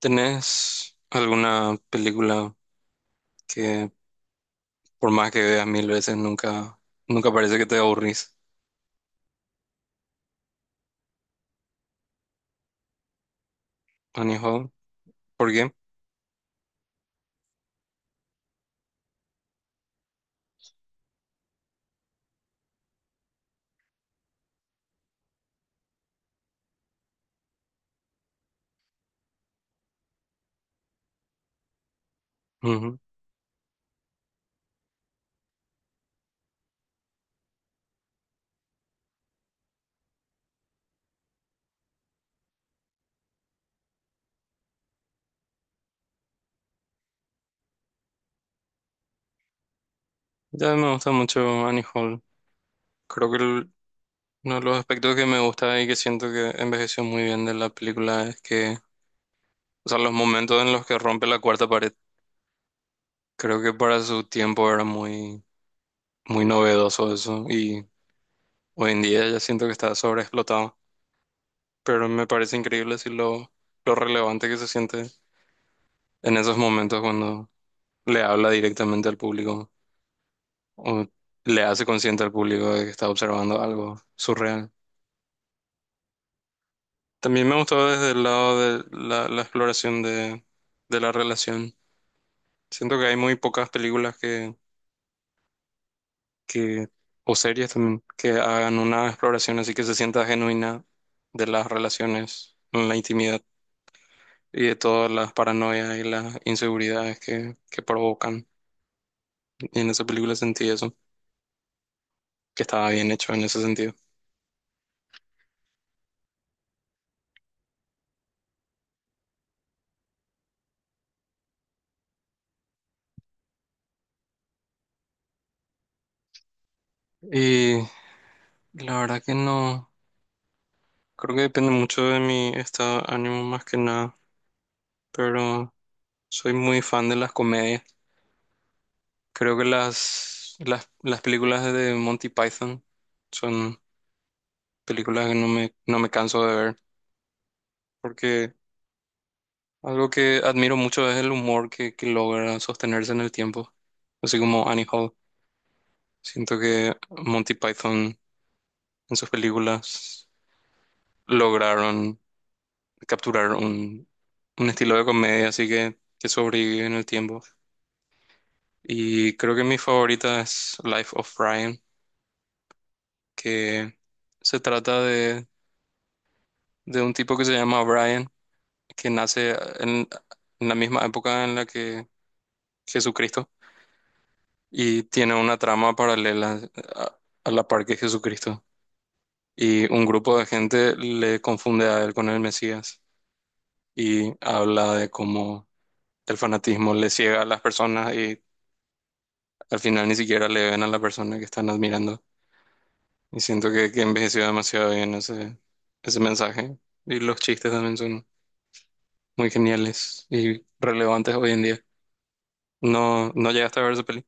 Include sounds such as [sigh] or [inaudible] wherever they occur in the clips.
¿Tenés alguna película que por más que veas mil veces nunca parece que te aburrís? Annie Hall. ¿Por qué? Ujú. Ya me gusta mucho Annie Hall. Creo que uno de los aspectos que me gusta y que siento que envejeció muy bien de la película es que, o sea, los momentos en los que rompe la cuarta pared, creo que para su tiempo era muy novedoso eso y hoy en día ya siento que está sobreexplotado, pero me parece increíble si lo, lo relevante que se siente en esos momentos cuando le habla directamente al público o le hace consciente al público de que está observando algo surreal. También me gustó desde el lado de la exploración de la relación. Siento que hay muy pocas películas que, o series también, que hagan una exploración así que se sienta genuina de las relaciones en la intimidad y de todas las paranoias y las inseguridades que provocan. Y en esa película sentí eso, que estaba bien hecho en ese sentido. Y la verdad que no, creo que depende mucho de mi estado de ánimo más que nada, pero soy muy fan de las comedias. Creo que las películas de Monty Python son películas que no me canso de ver, porque algo que admiro mucho es el humor que logra sostenerse en el tiempo, así como Annie Hall. Siento que Monty Python en sus películas lograron capturar un estilo de comedia, así que sobrevive en el tiempo. Y creo que mi favorita es Life of Brian, que se trata de un tipo que se llama Brian, que nace en, en la misma época en la que Jesucristo y tiene una trama paralela a, a la par que Jesucristo. Y un grupo de gente le confunde a él con el Mesías y habla de cómo el fanatismo le ciega a las personas y al final ni siquiera le ven a la persona que están admirando. Y siento que envejeció demasiado bien ese mensaje. Y los chistes también son muy geniales y relevantes hoy en día. No llegaste a ver esa peli.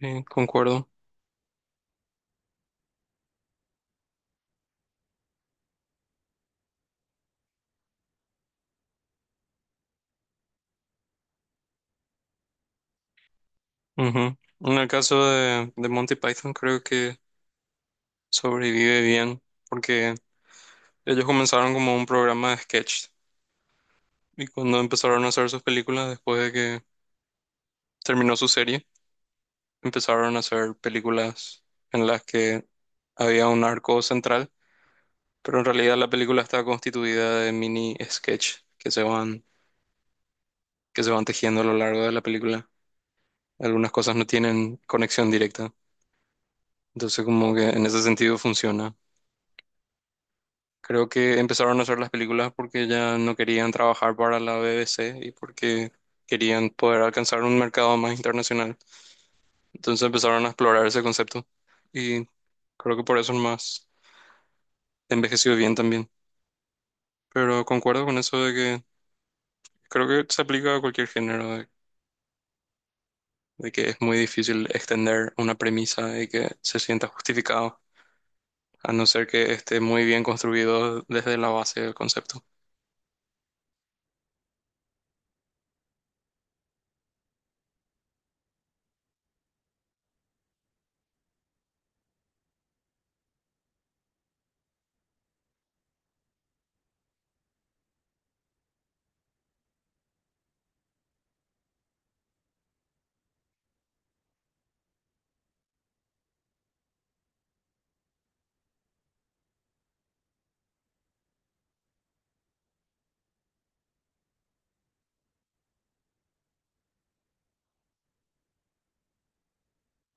Sí, concuerdo. Ujú. En el caso de Monty Python, creo que sobrevive bien porque ellos comenzaron como un programa de sketch y cuando empezaron a hacer sus películas, después de que terminó su serie, empezaron a hacer películas en las que había un arco central. Pero en realidad la película está constituida de mini sketch que se van tejiendo a lo largo de la película. Algunas cosas no tienen conexión directa. Entonces como que en ese sentido funciona. Creo que empezaron a hacer las películas porque ya no querían trabajar para la BBC y porque querían poder alcanzar un mercado más internacional. Entonces empezaron a explorar ese concepto y creo que por eso más envejeció bien también. Pero concuerdo con eso de que creo que se aplica a cualquier género, de que es muy difícil extender una premisa y que se sienta justificado, a no ser que esté muy bien construido desde la base del concepto.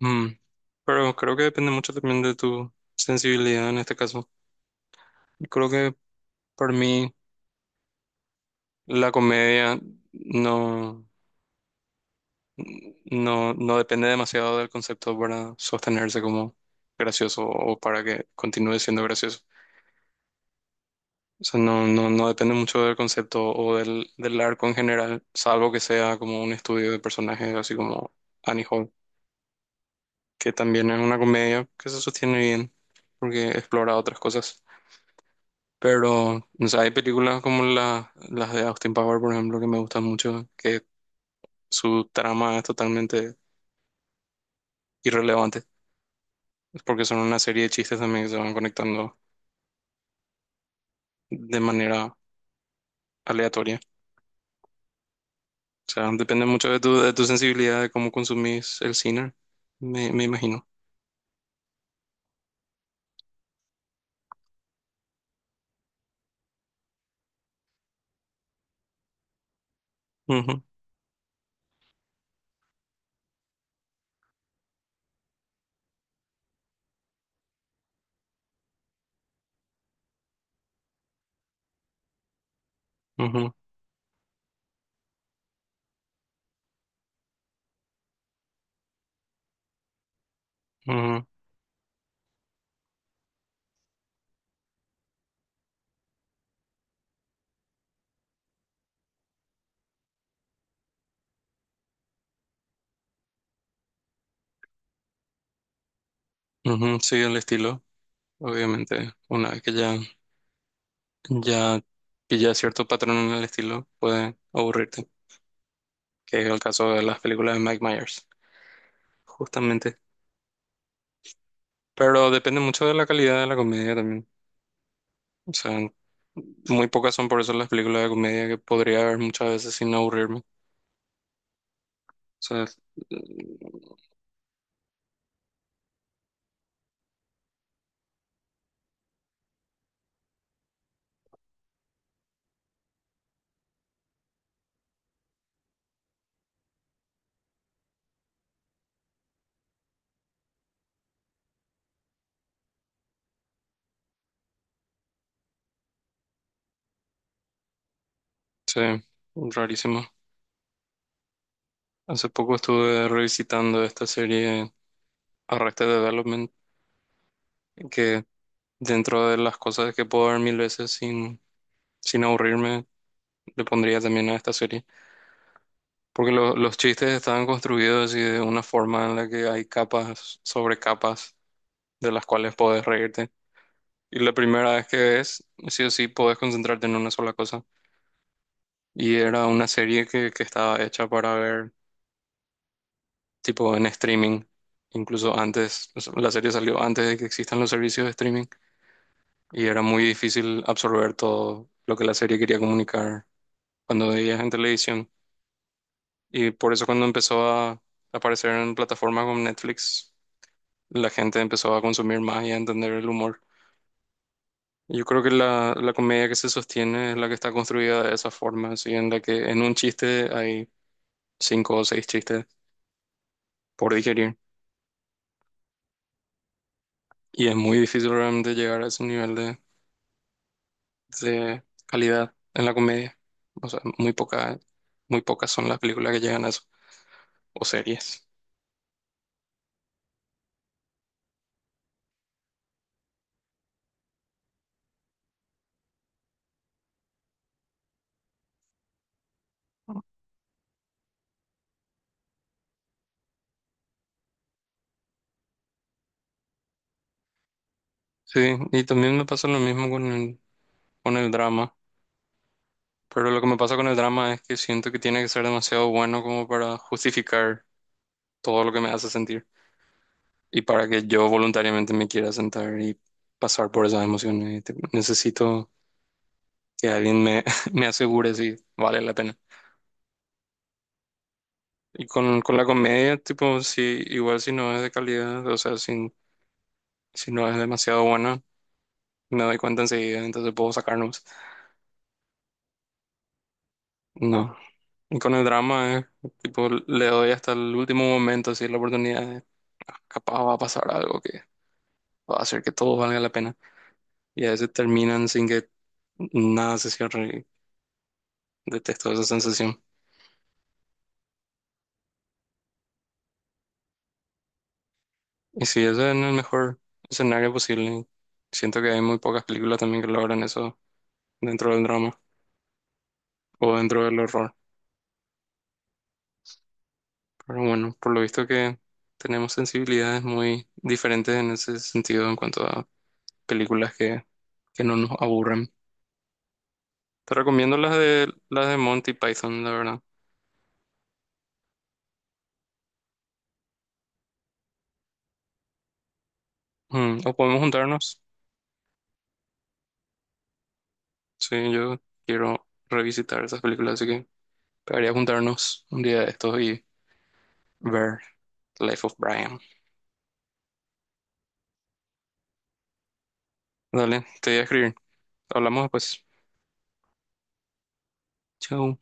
Mm, Pero creo que depende mucho también de tu sensibilidad en este caso. Creo que por mí la comedia no, no depende demasiado del concepto para sostenerse como gracioso o para que continúe siendo gracioso. O sea, no depende mucho del concepto o del arco en general, salvo que sea como un estudio de personajes, así como Annie Hall, que también es una comedia que se sostiene bien porque explora otras cosas. Pero, o sea, hay películas como las de Austin Power, por ejemplo, que me gustan mucho, que su trama es totalmente irrelevante, es porque son una serie de chistes también que se van conectando de manera aleatoria. O sea, depende mucho de de tu sensibilidad, de cómo consumís el cine, me imagino. Ujú, ujú, ujú, ujú. Sí, el estilo, obviamente, una vez que ya pilla cierto patrón en el estilo, puede aburrirte, que es el caso de las películas de Mike Myers, justamente. Pero depende mucho de la calidad de la comedia también. O sea, muy pocas son por eso las películas de comedia que podría ver muchas veces sin aburrirme. O sea, sí, rarísimo. Hace poco estuve revisitando esta serie Arrested Development, que dentro de las cosas que puedo ver mil veces sin aburrirme, le pondría también a esta serie. Porque los chistes estaban construidos y de una forma en la que hay capas sobre capas de las cuales puedes reírte. Y la primera vez que ves, sí o sí, puedes concentrarte en una sola cosa. Y era una serie que estaba hecha para ver tipo en streaming. Incluso antes, o sea, la serie salió antes de que existan los servicios de streaming y era muy difícil absorber todo lo que la serie quería comunicar cuando veías en televisión. Y por eso cuando empezó a aparecer en plataformas como Netflix, la gente empezó a consumir más y a entender el humor. Yo creo que la comedia que se sostiene es la que está construida de esa forma, así en la que en un chiste hay cinco o seis chistes por digerir. Y es muy difícil realmente llegar a ese nivel de calidad en la comedia. O sea, muy poca, muy pocas son las películas que llegan a eso, o series. Sí, y también me pasa lo mismo con con el drama. Pero lo que me pasa con el drama es que siento que tiene que ser demasiado bueno como para justificar todo lo que me hace sentir y para que yo voluntariamente me quiera sentar y pasar por esas emociones. Necesito que alguien me, [laughs] me asegure si vale la pena. Y con la comedia, tipo, si, igual si no es de calidad, o sea, si, si no es demasiado buena, me doy cuenta enseguida, entonces puedo sacarnos. No. Y con el drama, tipo, le doy hasta el último momento, si la oportunidad, capaz va a pasar algo o hacer que todo valga la pena. Y a veces terminan sin que nada se cierre. Y detesto esa sensación. Y si eso es el mejor escenario posible. Siento que hay muy pocas películas también que logran eso dentro del drama o dentro del horror. Pero bueno, por lo visto que tenemos sensibilidades muy diferentes en ese sentido en cuanto a películas que no nos aburren. Te recomiendo las de Monty Python, la verdad. Mm, o podemos juntarnos. Sí, yo quiero revisitar esas películas, así que debería juntarnos un día de estos y ver Life of Brian. Dale, te voy a escribir. Hablamos después. Chao.